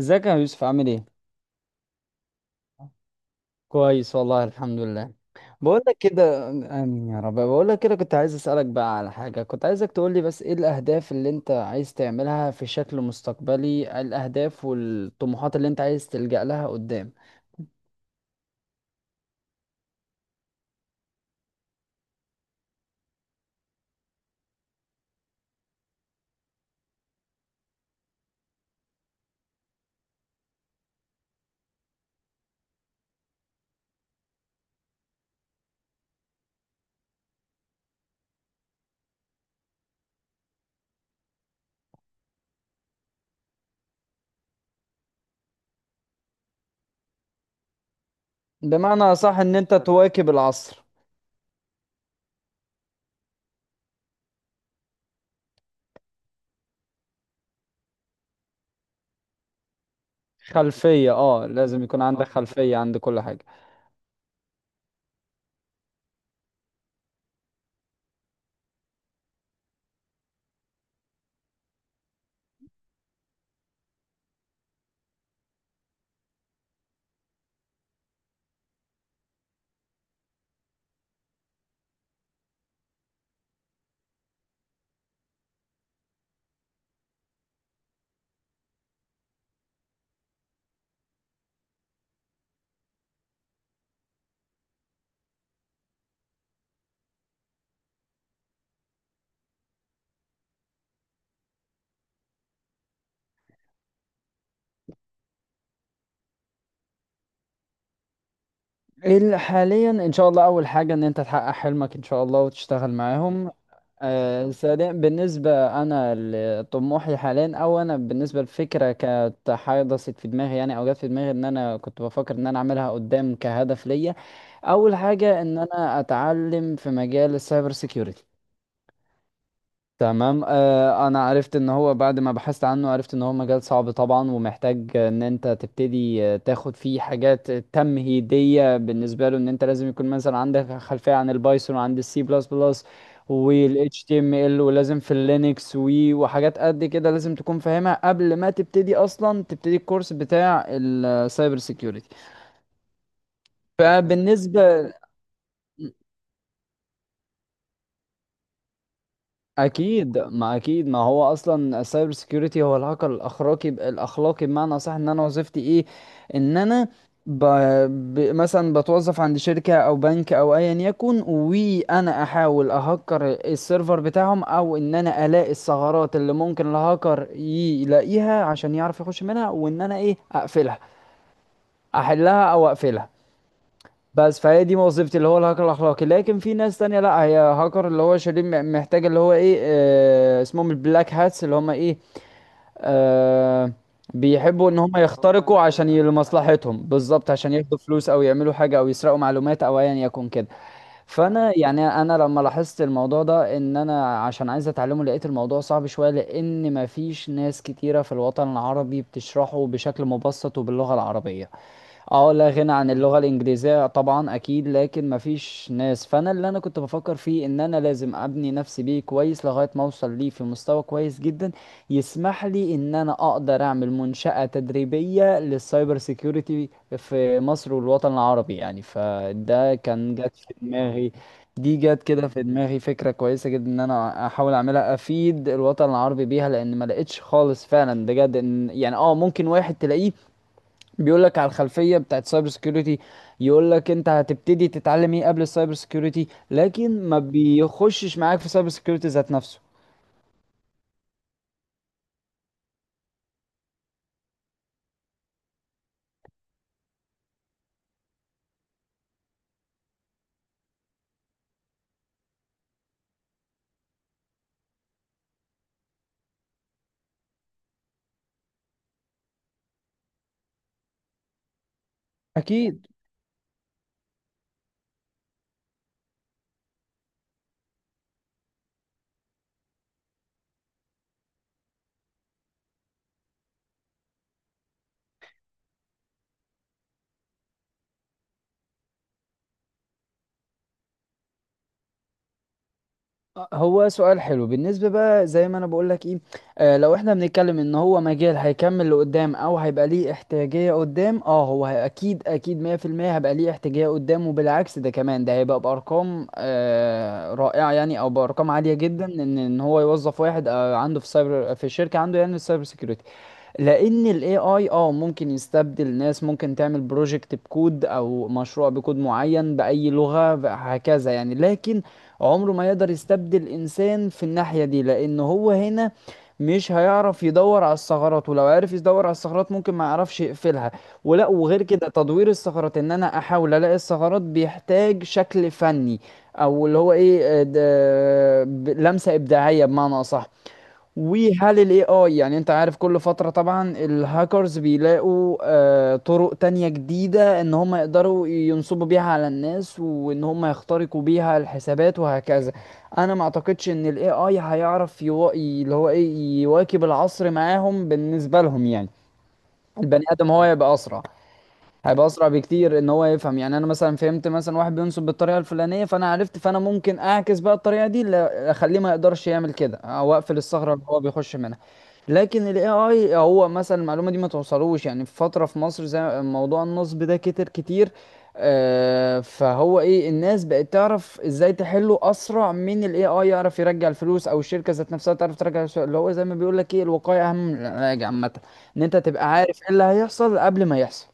ازيك يا يوسف عامل ايه؟ كويس والله الحمد لله. بقول لك كده امين يا رب، بقول لك كده كنت عايز اسالك بقى على حاجه، كنت عايزك تقول لي بس ايه الاهداف اللي انت عايز تعملها في شكل مستقبلي، الاهداف والطموحات اللي انت عايز تلجأ لها قدام. بمعنى صح ان انت تواكب العصر. خلفيه، اه لازم يكون عندك خلفيه عند كل حاجه. ايه اللي حاليا ان شاء الله، اول حاجه ان انت تحقق حلمك ان شاء الله وتشتغل معاهم. سريع بالنسبة، أنا لطموحي حاليا، أو أنا بالنسبة للفكرة كانت حدثت في دماغي يعني، أو جت في دماغي إن أنا كنت بفكر إن أنا أعملها قدام كهدف ليا. أول حاجة إن أنا أتعلم في مجال السايبر سيكيورتي. تمام، آه انا عرفت ان هو بعد ما بحثت عنه عرفت ان هو مجال صعب طبعا، ومحتاج ان انت تبتدي تاخد فيه حاجات تمهيدية بالنسبة له، ان انت لازم يكون مثلا عندك خلفية عن البايثون وعن السي بلس بلس وال HTML، ولازم في اللينكس وي وحاجات قد كده لازم تكون فاهمها قبل ما تبتدي اصلا تبتدي الكورس بتاع السايبر سيكيورتي. فبالنسبة اكيد، ما هو اصلا السايبر سيكيورتي هو الهاكر الاخلاقي، الاخلاقي بمعنى صح ان انا وظيفتي ايه، ان انا ب... مثلا بتوظف عند شركة او بنك او ايا يكن، وانا احاول اهكر السيرفر بتاعهم، او ان انا الاقي الثغرات اللي ممكن الهاكر يلاقيها عشان يعرف يخش منها، وان انا ايه اقفلها، احلها او اقفلها. بس فهي دي وظيفتي اللي هو الهاكر الاخلاقي. لكن في ناس تانية لا، هي هاكر اللي هو شرير، محتاج اللي هو ايه، آه اسمهم البلاك هاتس، اللي هم ايه، آه بيحبوا ان هم يخترقوا عشان لمصلحتهم بالظبط، عشان ياخدوا فلوس او يعملوا حاجة او يسرقوا معلومات او ايا يكن كده. فانا يعني انا لما لاحظت الموضوع ده ان انا عشان عايز اتعلمه، لقيت الموضوع صعب شوية لان مفيش ناس كتيرة في الوطن العربي بتشرحه بشكل مبسط وباللغة العربية. اه لا غنى عن اللغة الإنجليزية طبعا أكيد، لكن مفيش ناس. فأنا اللي أنا كنت بفكر فيه إن أنا لازم أبني نفسي بيه كويس لغاية ما أوصل ليه في مستوى كويس جدا، يسمح لي إن أنا أقدر أعمل منشأة تدريبية للسايبر سيكيورتي في مصر والوطن العربي يعني. فده كان جت في دماغي، دي جت كده في دماغي فكرة كويسة جدا إن أنا أحاول أعملها أفيد الوطن العربي بيها، لأن ما لقيتش خالص فعلا بجد، إن يعني اه ممكن واحد تلاقيه بيقول لك على الخلفيه بتاعت سايبر سكيورتي، يقول لك انت هتبتدي تتعلم ايه قبل السايبر سكيورتي، لكن ما بيخشش معاك في سايبر سكيورتي ذات نفسه. اكيد. هو سؤال حلو. بالنسبه بقى زي ما انا بقول لك ايه، آه لو احنا بنتكلم ان هو مجال هيكمل لقدام او هيبقى ليه احتياجيه قدام، اه هو اكيد 100% هيبقى ليه احتياجيه قدام، وبالعكس ده كمان، ده هيبقى بارقام آه رائعه يعني، او بارقام عاليه جدا، ان ان هو يوظف واحد آه عنده في سايبر، في الشركه عنده يعني السايبر سكيورتي. لان الاي اي اه ممكن يستبدل ناس، ممكن تعمل بروجكت بكود او مشروع بكود معين باي لغة هكذا يعني، لكن عمره ما يقدر يستبدل انسان في الناحية دي، لان هو هنا مش هيعرف يدور على الثغرات، ولو عرف يدور على الثغرات ممكن ما يعرفش يقفلها. ولا وغير كده تدوير الثغرات ان انا احاول الاقي الثغرات بيحتاج شكل فني، او اللي هو ايه لمسة ابداعية بمعنى اصح. وهل الاي اي، يعني انت عارف كل فترة طبعا الهاكرز بيلاقوا طرق تانية جديدة ان هم يقدروا ينصبوا بيها على الناس، وان هم يخترقوا بيها الحسابات وهكذا. انا ما اعتقدش ان الاي اي هيعرف اللي هو ايه يواكب العصر معاهم بالنسبة لهم يعني. البني ادم هو يبقى اسرع، هيبقى اسرع بكتير ان هو يفهم. يعني انا مثلا فهمت مثلا واحد بينصب بالطريقه الفلانيه، فانا عرفت، فانا ممكن اعكس بقى الطريقه دي اخليه ما يقدرش يعمل كده، او اقفل الثغره اللي هو بيخش منها. لكن الاي اي هو مثلا المعلومه دي ما توصلوش، يعني في فتره في مصر زي موضوع النصب ده كتر كتير. فهو ايه، الناس بقت تعرف ازاي تحله اسرع من الاي اي يعرف يرجع الفلوس، او الشركه ذات نفسها تعرف ترجع الفلوس، اللي هو زي ما بيقول لك ايه الوقايه اهم من العلاج عامه، ان انت تبقى عارف ايه اللي هيحصل قبل ما يحصل.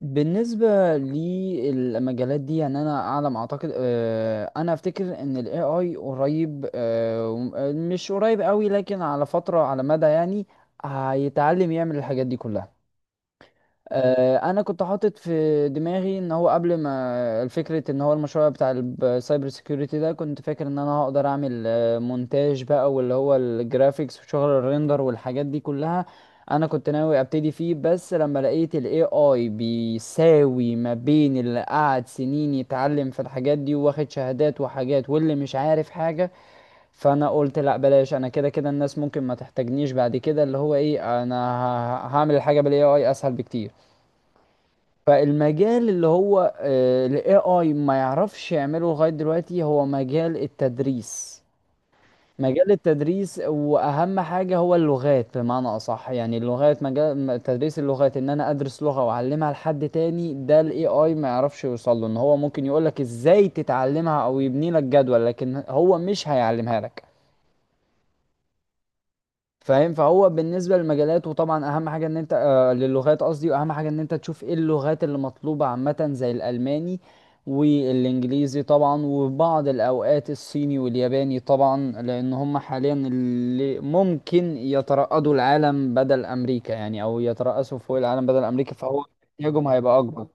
بالنسبة للمجالات دي يعني أنا أعلم أعتقد، أنا أفتكر إن ال AI قريب، مش قريب قوي، لكن على فترة على مدى يعني هيتعلم يعمل الحاجات دي كلها. انا كنت حاطط في دماغي ان هو قبل ما، الفكرة ان هو المشروع بتاع السايبر سيكيورتي ده، كنت فاكر ان انا هقدر اعمل مونتاج بقى واللي هو الجرافيكس وشغل الريندر والحاجات دي كلها. انا كنت ناوي ابتدي فيه، بس لما لقيت الاي اي بيساوي ما بين اللي قعد سنين يتعلم في الحاجات دي واخد شهادات وحاجات، واللي مش عارف حاجة، فانا قلت لا بلاش. انا كده كده الناس ممكن ما تحتاجنيش بعد كده، اللي هو ايه انا هعمل الحاجة بالاي اي اسهل بكتير. فالمجال اللي هو ال AI ما يعرفش يعمله لغاية دلوقتي هو مجال التدريس. مجال التدريس وأهم حاجة هو اللغات بمعنى أصح، يعني اللغات، مجال تدريس اللغات، إن أنا أدرس لغة وأعلمها لحد تاني، ده ال AI ما يعرفش يوصل له، إن هو ممكن يقولك إزاي تتعلمها أو يبني لك جدول، لكن هو مش هيعلمها لك. فاهم، فهو بالنسبه للمجالات، وطبعا اهم حاجه ان انت آه للغات قصدي، واهم حاجه ان انت تشوف ايه اللغات اللي مطلوبه عامه زي الالماني والانجليزي طبعا، وبعض الاوقات الصيني والياباني طبعا، لان هم حاليا اللي ممكن يترأسوا العالم بدل امريكا يعني، او يترأسوا فوق العالم بدل امريكا، فهو احتياجهم هيبقى اكبر.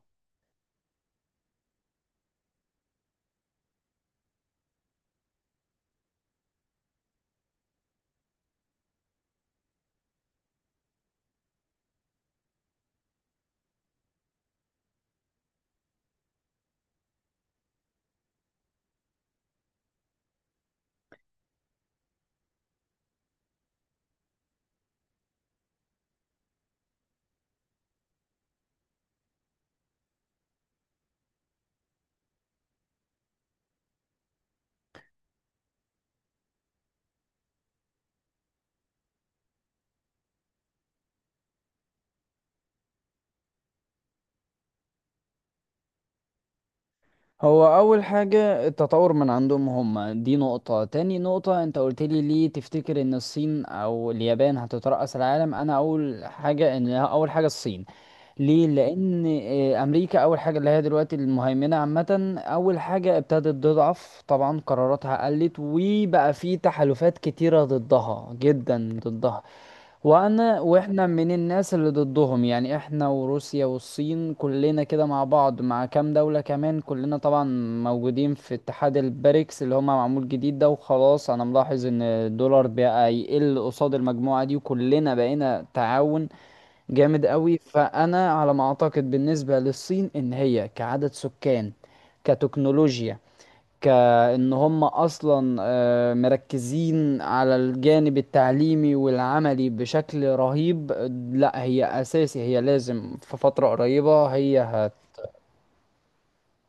هو اول حاجة التطور من عندهم هم دي نقطة، تاني نقطة انت قلت لي ليه تفتكر ان الصين او اليابان هتترأس العالم. انا اول حاجة ان اول حاجة الصين ليه، لان امريكا اول حاجة اللي هي دلوقتي المهيمنة عامة اول حاجة ابتدت تضعف، طبعا قراراتها قلت، وبقى في تحالفات كتيرة ضدها جدا ضدها. وانا واحنا من الناس اللي ضدهم يعني، احنا وروسيا والصين كلنا كده مع بعض، مع كام دولة كمان كلنا طبعا موجودين في اتحاد البريكس اللي هو معمول جديد ده. وخلاص انا ملاحظ ان الدولار بقى يقل قصاد المجموعة دي، وكلنا بقينا تعاون جامد قوي. فانا على ما اعتقد بالنسبة للصين ان هي كعدد سكان، كتكنولوجيا، كأن هم أصلا مركزين على الجانب التعليمي والعملي بشكل رهيب. لا هي أساسي، هي لازم في فترة قريبة هي،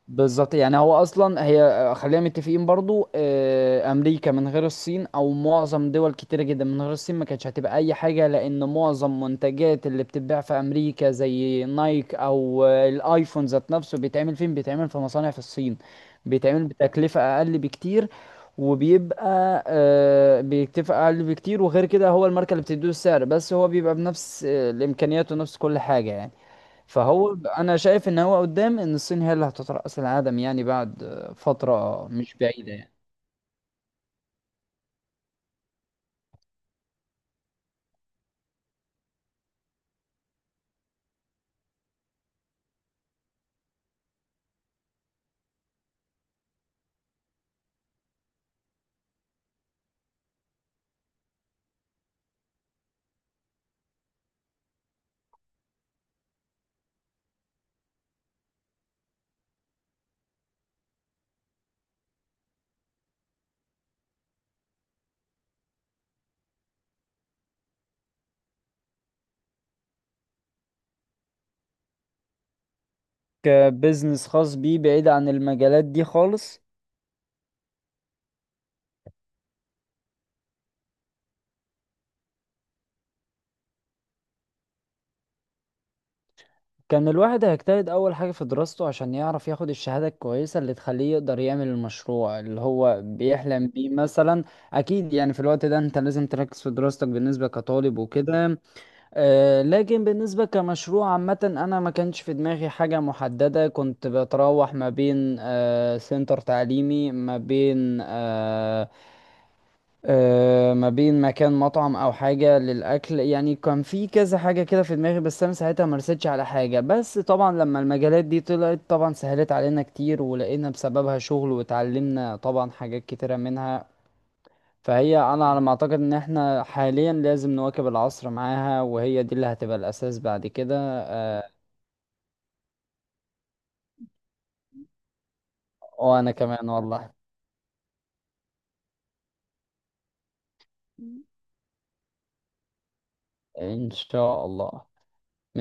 بالظبط يعني هو اصلا هي خلينا متفقين برضو، امريكا من غير الصين او معظم دول كتيره جدا من غير الصين ما كانتش هتبقى اي حاجه، لان معظم منتجات اللي بتتباع في امريكا زي نايك او الايفون ذات نفسه بيتعمل فين، بيتعمل في مصانع في الصين، بيتعمل بتكلفه اقل بكتير، وبيبقى بيكتفى اقل بكتير، وغير كده هو الماركه اللي بتديه السعر، بس هو بيبقى بنفس الامكانيات ونفس كل حاجه يعني. فهو انا شايف ان هو قدام ان الصين هي اللي هتطرح كاس العالم يعني، بعد فتره مش بعيده يعني. كبزنس خاص بيه بعيد عن المجالات دي خالص. كان الواحد هيجتهد اول حاجه في دراسته عشان يعرف ياخد الشهاده الكويسه اللي تخليه يقدر يعمل المشروع اللي هو بيحلم بيه مثلا. اكيد يعني في الوقت ده انت لازم تركز في دراستك بالنسبه كطالب وكده. لكن بالنسبة كمشروع عامة، أنا ما كانش في دماغي حاجة محددة، كنت بتراوح ما بين سنتر تعليمي، ما بين ما بين مكان مطعم أو حاجة للأكل، يعني كان في كذا حاجة كده في دماغي، بس أنا ساعتها ما رستش على حاجة. بس طبعا لما المجالات دي طلعت طبعا سهلت علينا كتير، ولقينا بسببها شغل، واتعلمنا طبعا حاجات كتيرة منها. فهي انا على ما اعتقد ان احنا حاليا لازم نواكب العصر معاها، وهي دي اللي هتبقى الاساس بعد كده. وانا كمان والله ان شاء الله.